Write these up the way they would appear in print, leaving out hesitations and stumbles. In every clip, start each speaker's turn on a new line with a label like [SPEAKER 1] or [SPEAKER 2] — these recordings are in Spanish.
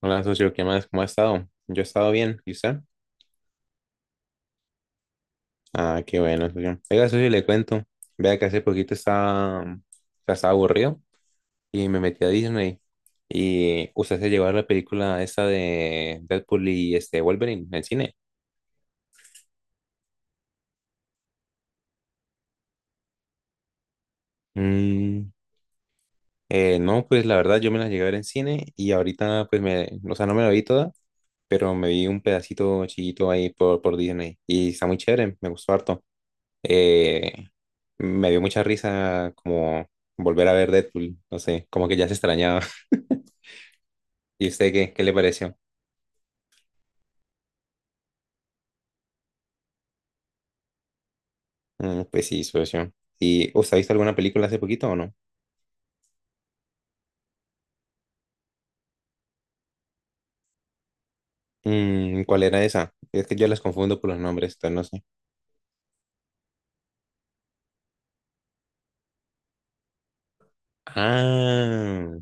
[SPEAKER 1] Hola, socio, ¿qué más? ¿Cómo ha estado? Yo he estado bien, ¿y usted? Ah, qué bueno, socio. Oiga, socio, le cuento. Vea que hace poquito estaba, o sea, estaba aburrido y me metí a Disney. Y usted se llevó a la película esta de Deadpool y este Wolverine en cine. Mm, no, pues la verdad yo me la llegué a ver en cine y ahorita pues me, o sea, no me la vi toda, pero me vi un pedacito chiquito ahí por Disney y está muy chévere, me gustó harto. eh, Me dio mucha risa como volver a ver Deadpool, no sé, como que ya se extrañaba. ¿Y usted qué le pareció? Mm, pues sí, socio. ¿Y usted ha visto alguna película hace poquito o no? Mm, ¿cuál era esa? Es que yo las confundo por los nombres, entonces no sé. Ah,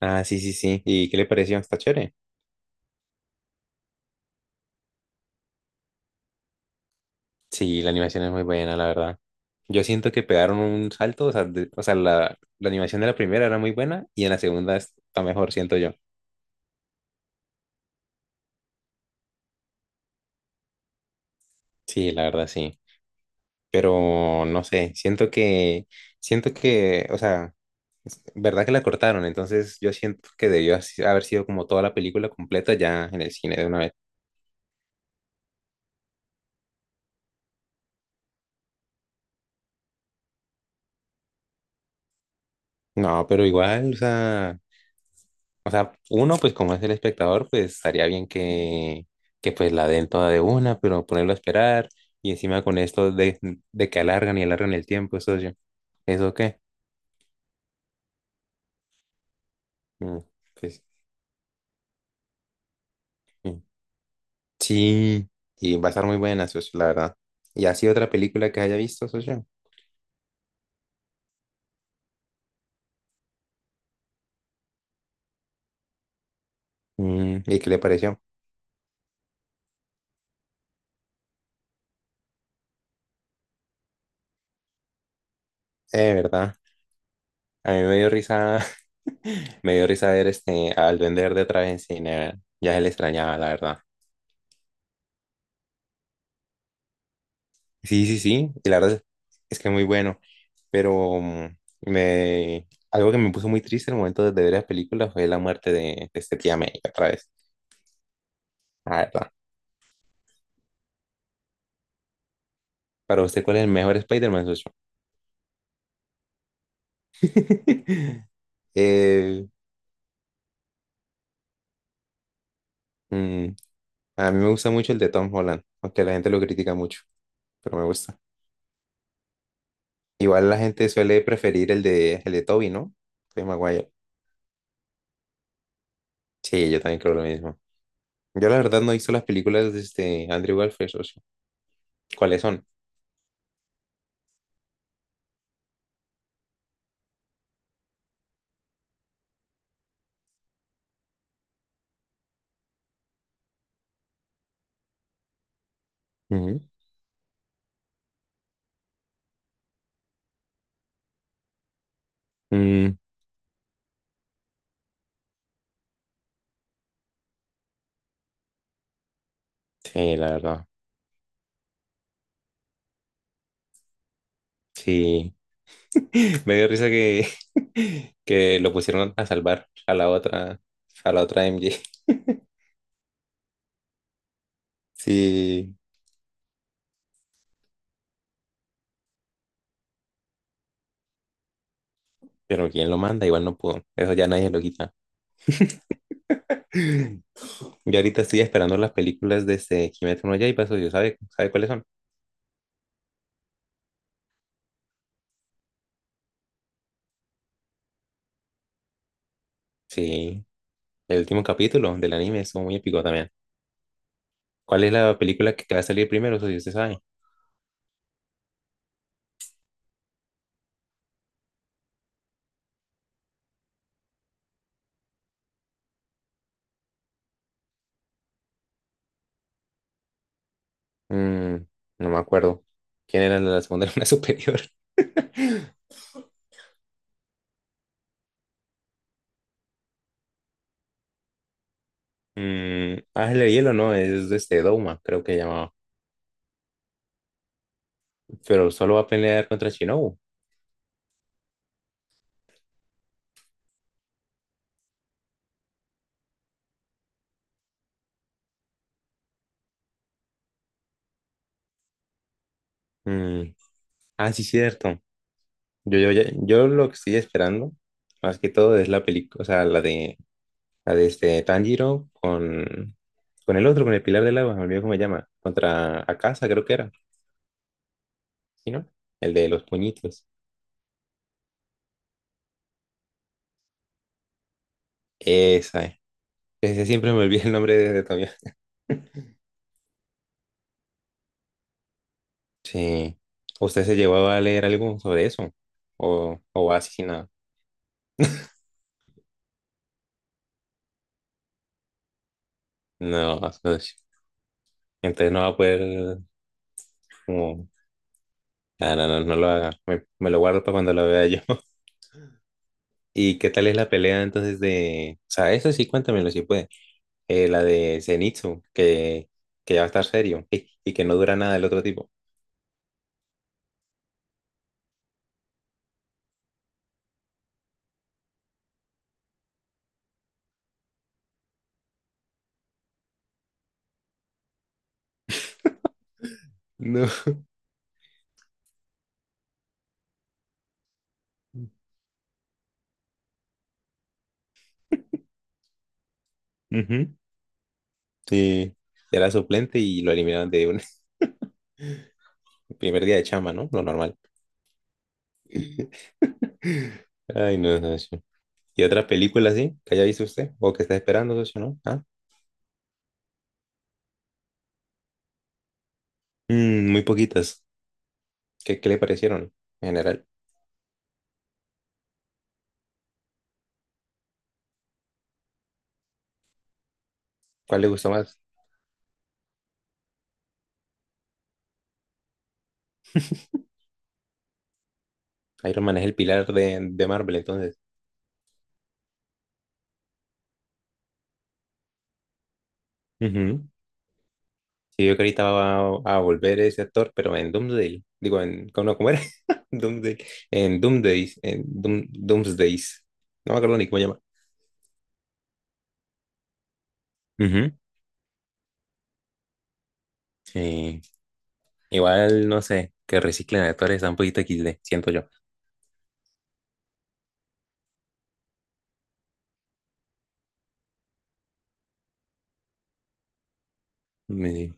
[SPEAKER 1] ah, sí, sí, sí. ¿Y qué le pareció? ¿Está chévere? Sí, la animación es muy buena, la verdad. Yo siento que pegaron un salto, o sea, o sea, la animación de la primera era muy buena y en la segunda está mejor, siento yo. Sí, la verdad, sí. Pero no sé, siento que, o sea, verdad que la cortaron, entonces yo siento que haber sido como toda la película completa ya en el cine de una vez. No, pero igual, o sea, uno pues como es el espectador, pues estaría bien que pues la den toda de una, pero ponerlo a esperar y encima con esto de que alargan y alargan el tiempo, eso yo, ¿eso qué? Mm, Pues mm. sí, y va a estar muy buena, socio, la verdad. ¿Y así otra película que haya visto, socio? Mm, ¿y qué le pareció? ¿Verdad? A mí me dio risa, me dio risa ver este, al vender de otra vez en cine, ya se le extrañaba, la verdad. Sí, sí, sí, y la verdad es que muy bueno, pero algo que me puso muy triste en el momento de ver la película fue la muerte de este tía May otra vez, la verdad. Para usted, ¿cuál es el mejor Spider-Man, socio? Eh, mm, a mí me gusta mucho el de Tom Holland, aunque la gente lo critica mucho, pero me gusta. Igual la gente suele preferir el de Tobey, ¿no? Tobey Maguire. Sí, yo también creo lo mismo. Yo la verdad no he visto las películas de este Andrew Garfield, socio. ¿Cuáles son? Ujú. Mm, sí, la verdad. Sí. Me dio risa que, que lo pusieron a salvar a la otra MJ. Sí, pero ¿quién lo manda? Igual no pudo. Eso ya nadie lo quita. Yo ahorita estoy esperando las películas de este Kimetsu no Yaiba, socio. Sabe cuáles son? Sí. El último capítulo del anime estuvo muy épico también. ¿Cuál es la película que te va a salir primero? Eso sí, usted sabe. Mm, no me acuerdo. ¿Quién era la segunda luna superior? Mm, Ángel de Hielo, no, es este Douma, creo que llamaba. Pero solo va a pelear contra Shinobu. Mm, ah, sí, cierto. Yo lo que estoy esperando, más que todo, es la película, o sea, la de este Tanjiro con el otro, con el Pilar del Agua, me olvidé cómo se llama, contra Akasa, creo que era. ¿Sí, no? El de los puñitos. Esa, eh. Ese siempre me olvida el nombre de todavía. Sí. ¿Usted se llevaba a leer algo sobre eso? O así sin nada? No, no sé. Entonces no va a poder como... Ah, no, no, no lo haga. Me lo guardo para cuando lo vea yo. ¿Y qué tal es la pelea entonces de... O sea, eso sí, cuéntamelo si puede. La de Zenitsu, que ya va a estar serio y que no dura nada el otro tipo. No. Ujú. Sí, era suplente y lo eliminaron de un primer día de chamba, ¿no? Lo normal. Ay, no, socio. ¿Y otra película así que haya visto usted o que está esperando, socio, no? ¿Ah? Mm, muy poquitas. ¿Qué le parecieron en general? ¿Cuál le gustó más? Iron Man es el pilar de Marvel, entonces. Ujú. Sí, yo creo que ahorita a volver ese actor, pero en Doomsday. Digo, en, ¿cómo, no, cómo era? Doomsday. En Doomsday. En Doomsdays. No me acuerdo ni cómo se llama. Ujú. Sí. Igual, no sé, que reciclen actores está un poquito XD, siento yo. Me-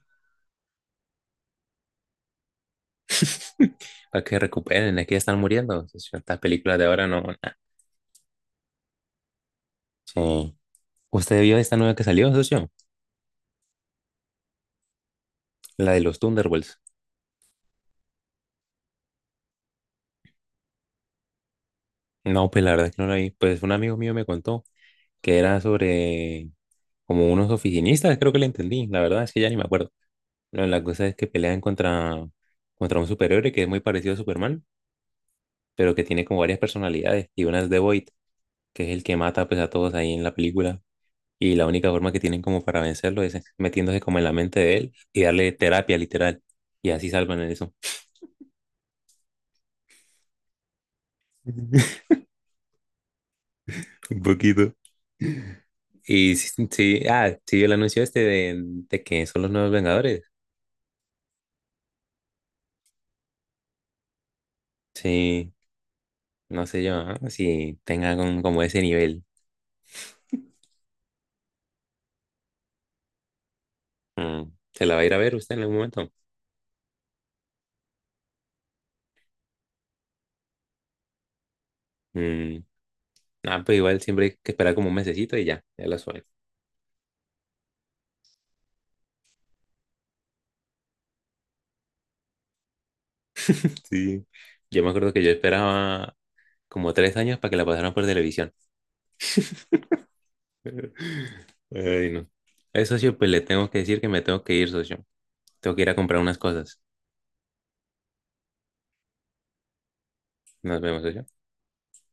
[SPEAKER 1] Para que recuperen, es que ya están muriendo, socio. Estas películas de ahora no. Na. Sí. ¿Usted vio esta nueva que salió, socio? La de los Thunderbolts. No, pues la verdad es que no la vi. Pues un amigo mío me contó que era sobre como unos oficinistas, creo que le entendí. La verdad es que ya ni me acuerdo. No, la cosa es que pelean contra un superhéroe que es muy parecido a Superman, pero que tiene como varias personalidades y una es The Void, que es el que mata pues, a todos ahí en la película. Y la única forma que tienen como para vencerlo es metiéndose como en la mente de él y darle terapia literal. Y así salvan eso. Un poquito. Y sí, sí, sí, ah, sí, el anuncio este de que son los nuevos Vengadores. Sí, no sé yo, ah, si tengan como ese nivel. Mm, ¿se la va a ir a ver usted en algún momento? Mm, ah, pues igual siempre hay que esperar como un mesecito y ya, ya la suben. Sí. Yo me acuerdo que yo esperaba como tres años para que la pasaran por televisión. Ay, no. Socio, pues le tengo que decir que me tengo que ir, socio. Tengo que ir a comprar unas cosas. Nos vemos, socio.